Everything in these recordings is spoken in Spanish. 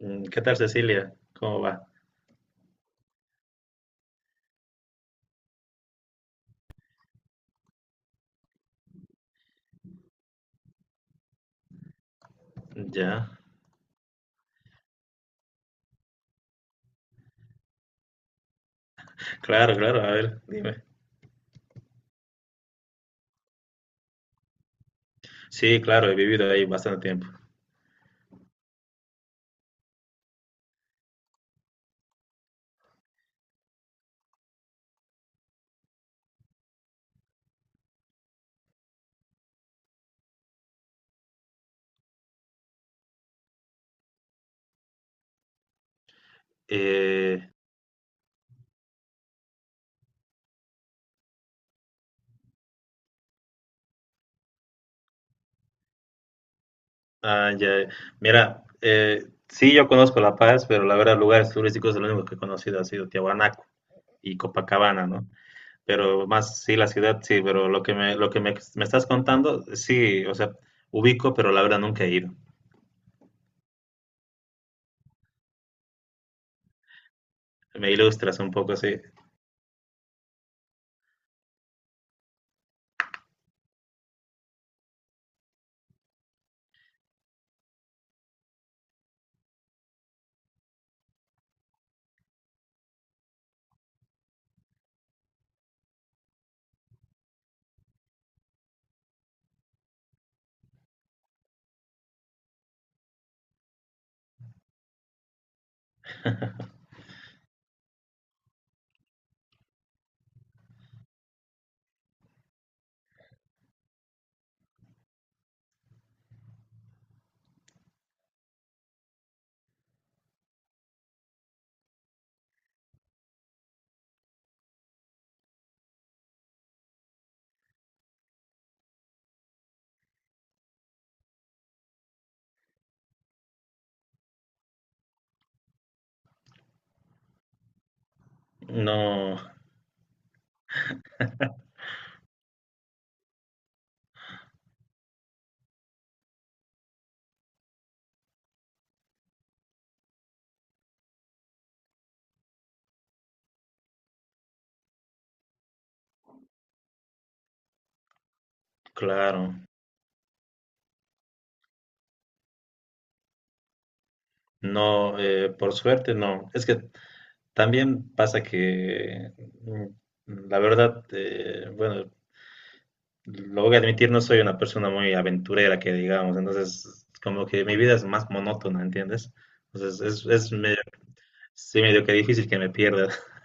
¿Qué tal, Cecilia? ¿Cómo va? Ya, claro, claro, a ver, dime. Sí, claro, he vivido ahí bastante tiempo. Eh, ya, mira, sí, yo conozco La Paz, pero la verdad, lugares turísticos, lo único que he conocido ha sido Tiahuanaco y Copacabana, ¿no? Pero más, sí, la ciudad, sí, pero me estás contando, sí, o sea, ubico, pero la verdad nunca he ido. Me ilustras un poco, sí. No, claro, no, por suerte, no. Es que también pasa que, la verdad, bueno, lo voy a admitir, no soy una persona muy aventurera que digamos, entonces como que mi vida es más monótona, ¿entiendes? Es medio, sí, medio que difícil que me pierda.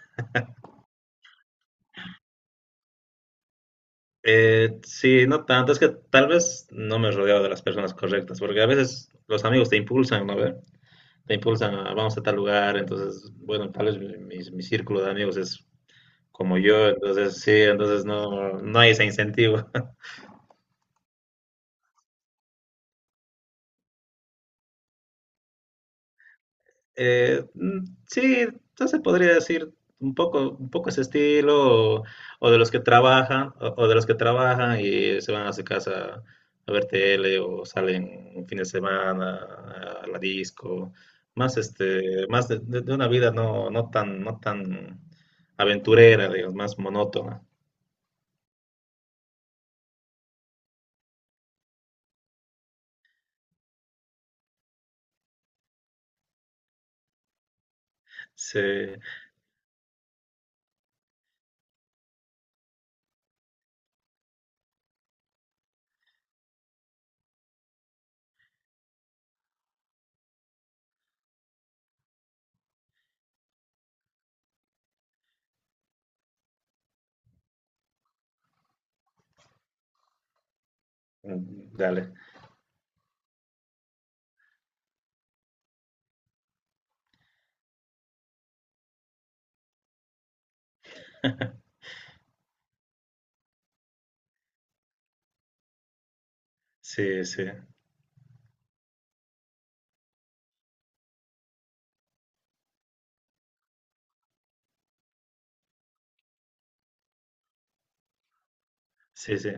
Sí, no tanto, es que tal vez no me he rodeado de las personas correctas, porque a veces los amigos te impulsan, ¿no? ¿Ve? Te impulsan a vamos a tal lugar, entonces, bueno, tal vez mi círculo de amigos es como yo, entonces sí, entonces no, no hay ese incentivo. Sí, entonces podría decir un poco ese estilo, o de los que trabajan, o de los que trabajan y se van a su casa a ver tele, o salen un fin de semana a la disco, más este, de una vida no tan, no tan aventurera, digamos, más monótona. Sí, mm, dale, sí, sí, sí, sí.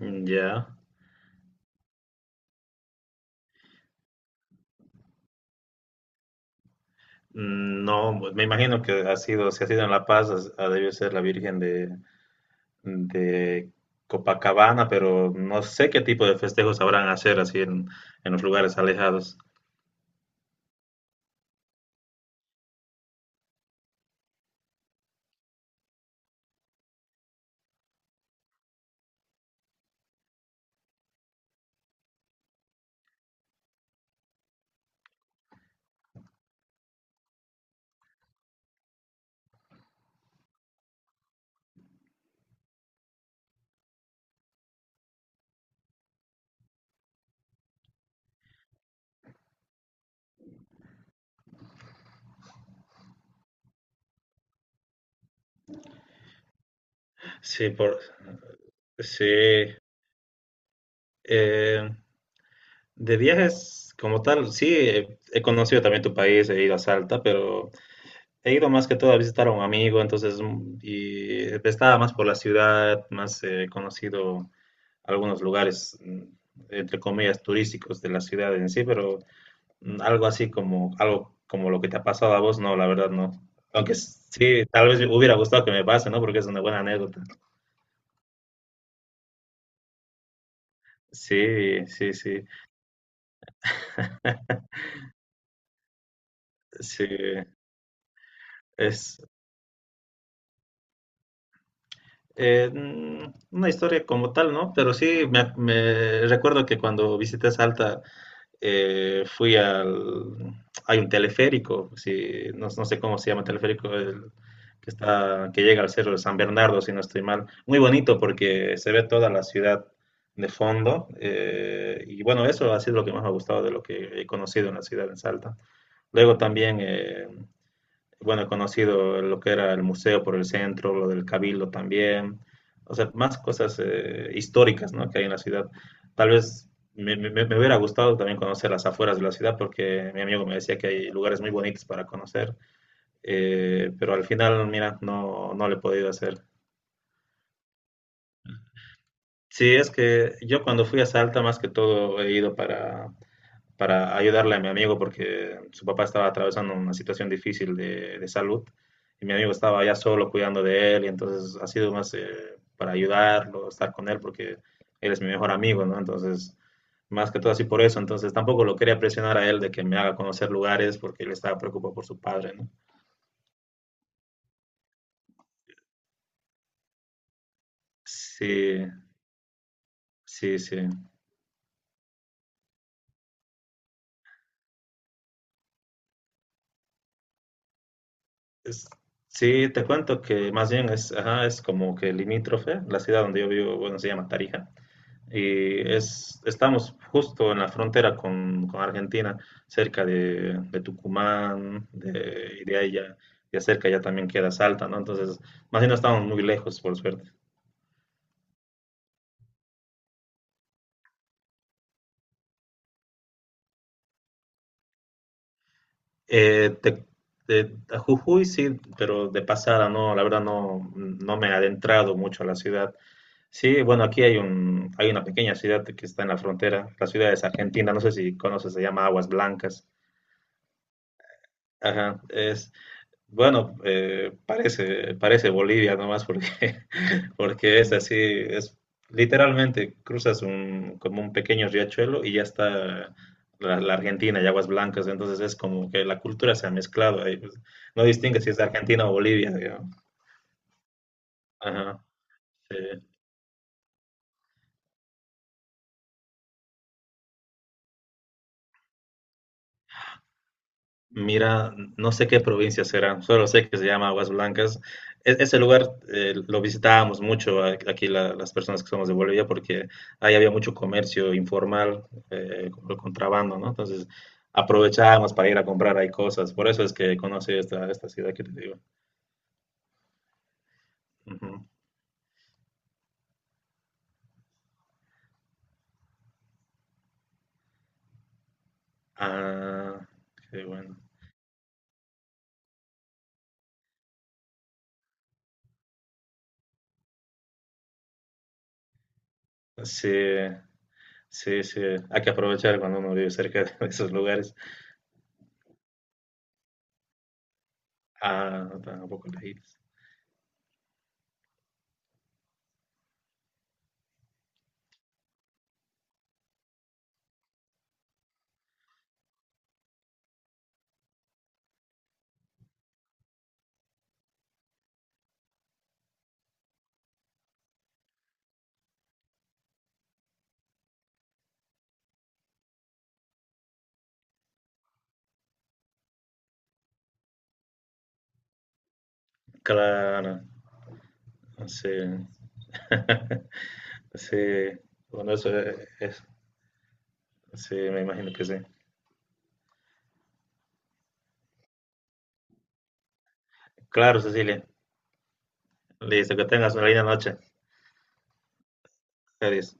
Mm, ya. Mm, no, pues me imagino que ha sido, si ha sido en La Paz, ha debido ser la Virgen de Copacabana, pero no sé qué tipo de festejos sabrán hacer así en los lugares alejados. Sí, por, sí. eh, de viajes como tal, sí, he conocido también tu país, he ido a Salta, pero he ido más que todo a visitar a un amigo, entonces, y estaba más por la ciudad, más conocido algunos lugares, entre comillas, turísticos de la ciudad en sí, pero algo así como, algo como lo que te ha pasado a vos, no, la verdad no. Aunque sí, tal vez me hubiera gustado que me pase, ¿no? Porque es una buena anécdota. Sí, sí, sí. Sí, es una historia como tal, ¿no? Pero sí, me recuerdo que cuando visité Salta, fui al... Hay un teleférico, si, no, no sé cómo se llama teleférico, el que está, que llega al cerro de San Bernardo, si no estoy mal. Muy bonito porque se ve toda la ciudad de fondo. Y bueno, eso ha sido lo que más me ha gustado de lo que he conocido en la ciudad en Salta. Luego también bueno, he conocido lo que era el museo por el centro, lo del Cabildo también, o sea, más cosas históricas, ¿no? Que hay en la ciudad. Tal vez me hubiera gustado también conocer las afueras de la ciudad, porque mi amigo me decía que hay lugares muy bonitos para conocer, pero al final, mira, no, no lo he podido hacer. Sí, es que yo cuando fui a Salta, más que todo, he ido para ayudarle a mi amigo porque su papá estaba atravesando una situación difícil de salud y mi amigo estaba ya solo cuidando de él y entonces ha sido más para ayudarlo, estar con él porque él es mi mejor amigo, ¿no? Entonces, más que todo así por eso, entonces tampoco lo quería presionar a él de que me haga conocer lugares porque él estaba preocupado por su padre, ¿no? Sí, sí, sí. Es- sí, te cuento que más bien es, ajá, es como que limítrofe, la ciudad donde yo vivo, bueno, se llama Tarija. Y es, estamos justo en la frontera con Argentina, cerca de Tucumán, de, y de ahí ya, ya cerca ya también queda Salta, ¿no? Entonces, más bien no estamos muy lejos, por suerte. Eh, te- de, a Jujuy sí, pero de pasada no, la verdad no, no me he adentrado mucho a la ciudad. Sí, bueno, aquí hay un, hay una pequeña ciudad que está en la frontera, la ciudad es Argentina, no sé si conoces, se llama Aguas Blancas. Ajá, es, bueno, parece, parece Bolivia nomás porque, porque es así, es literalmente cruzas un, como un pequeño riachuelo y ya está la, la Argentina y aguas blancas, entonces es como que la cultura se ha mezclado ahí, pues, no distingue si es de Argentina o Bolivia, digamos. Ajá, sí. Mira, no sé qué provincia será, solo sé que se llama Aguas Blancas. Ese lugar lo visitábamos mucho aquí las personas que somos de Bolivia porque ahí había mucho comercio informal, como el contrabando, ¿no? Entonces aprovechábamos para ir a comprar ahí cosas. Por eso es que conocí esta, esta ciudad que te digo. Ujú. Ah, qué bueno. Sí, sí, sí. Hay que aprovechar cuando uno vive cerca de esos lugares. Ah, tampoco lejitos. Claro. Sí, sí, bueno, eso es, sí, me imagino que sí. Claro, Cecilia, listo, que tengas una linda noche. Adiós.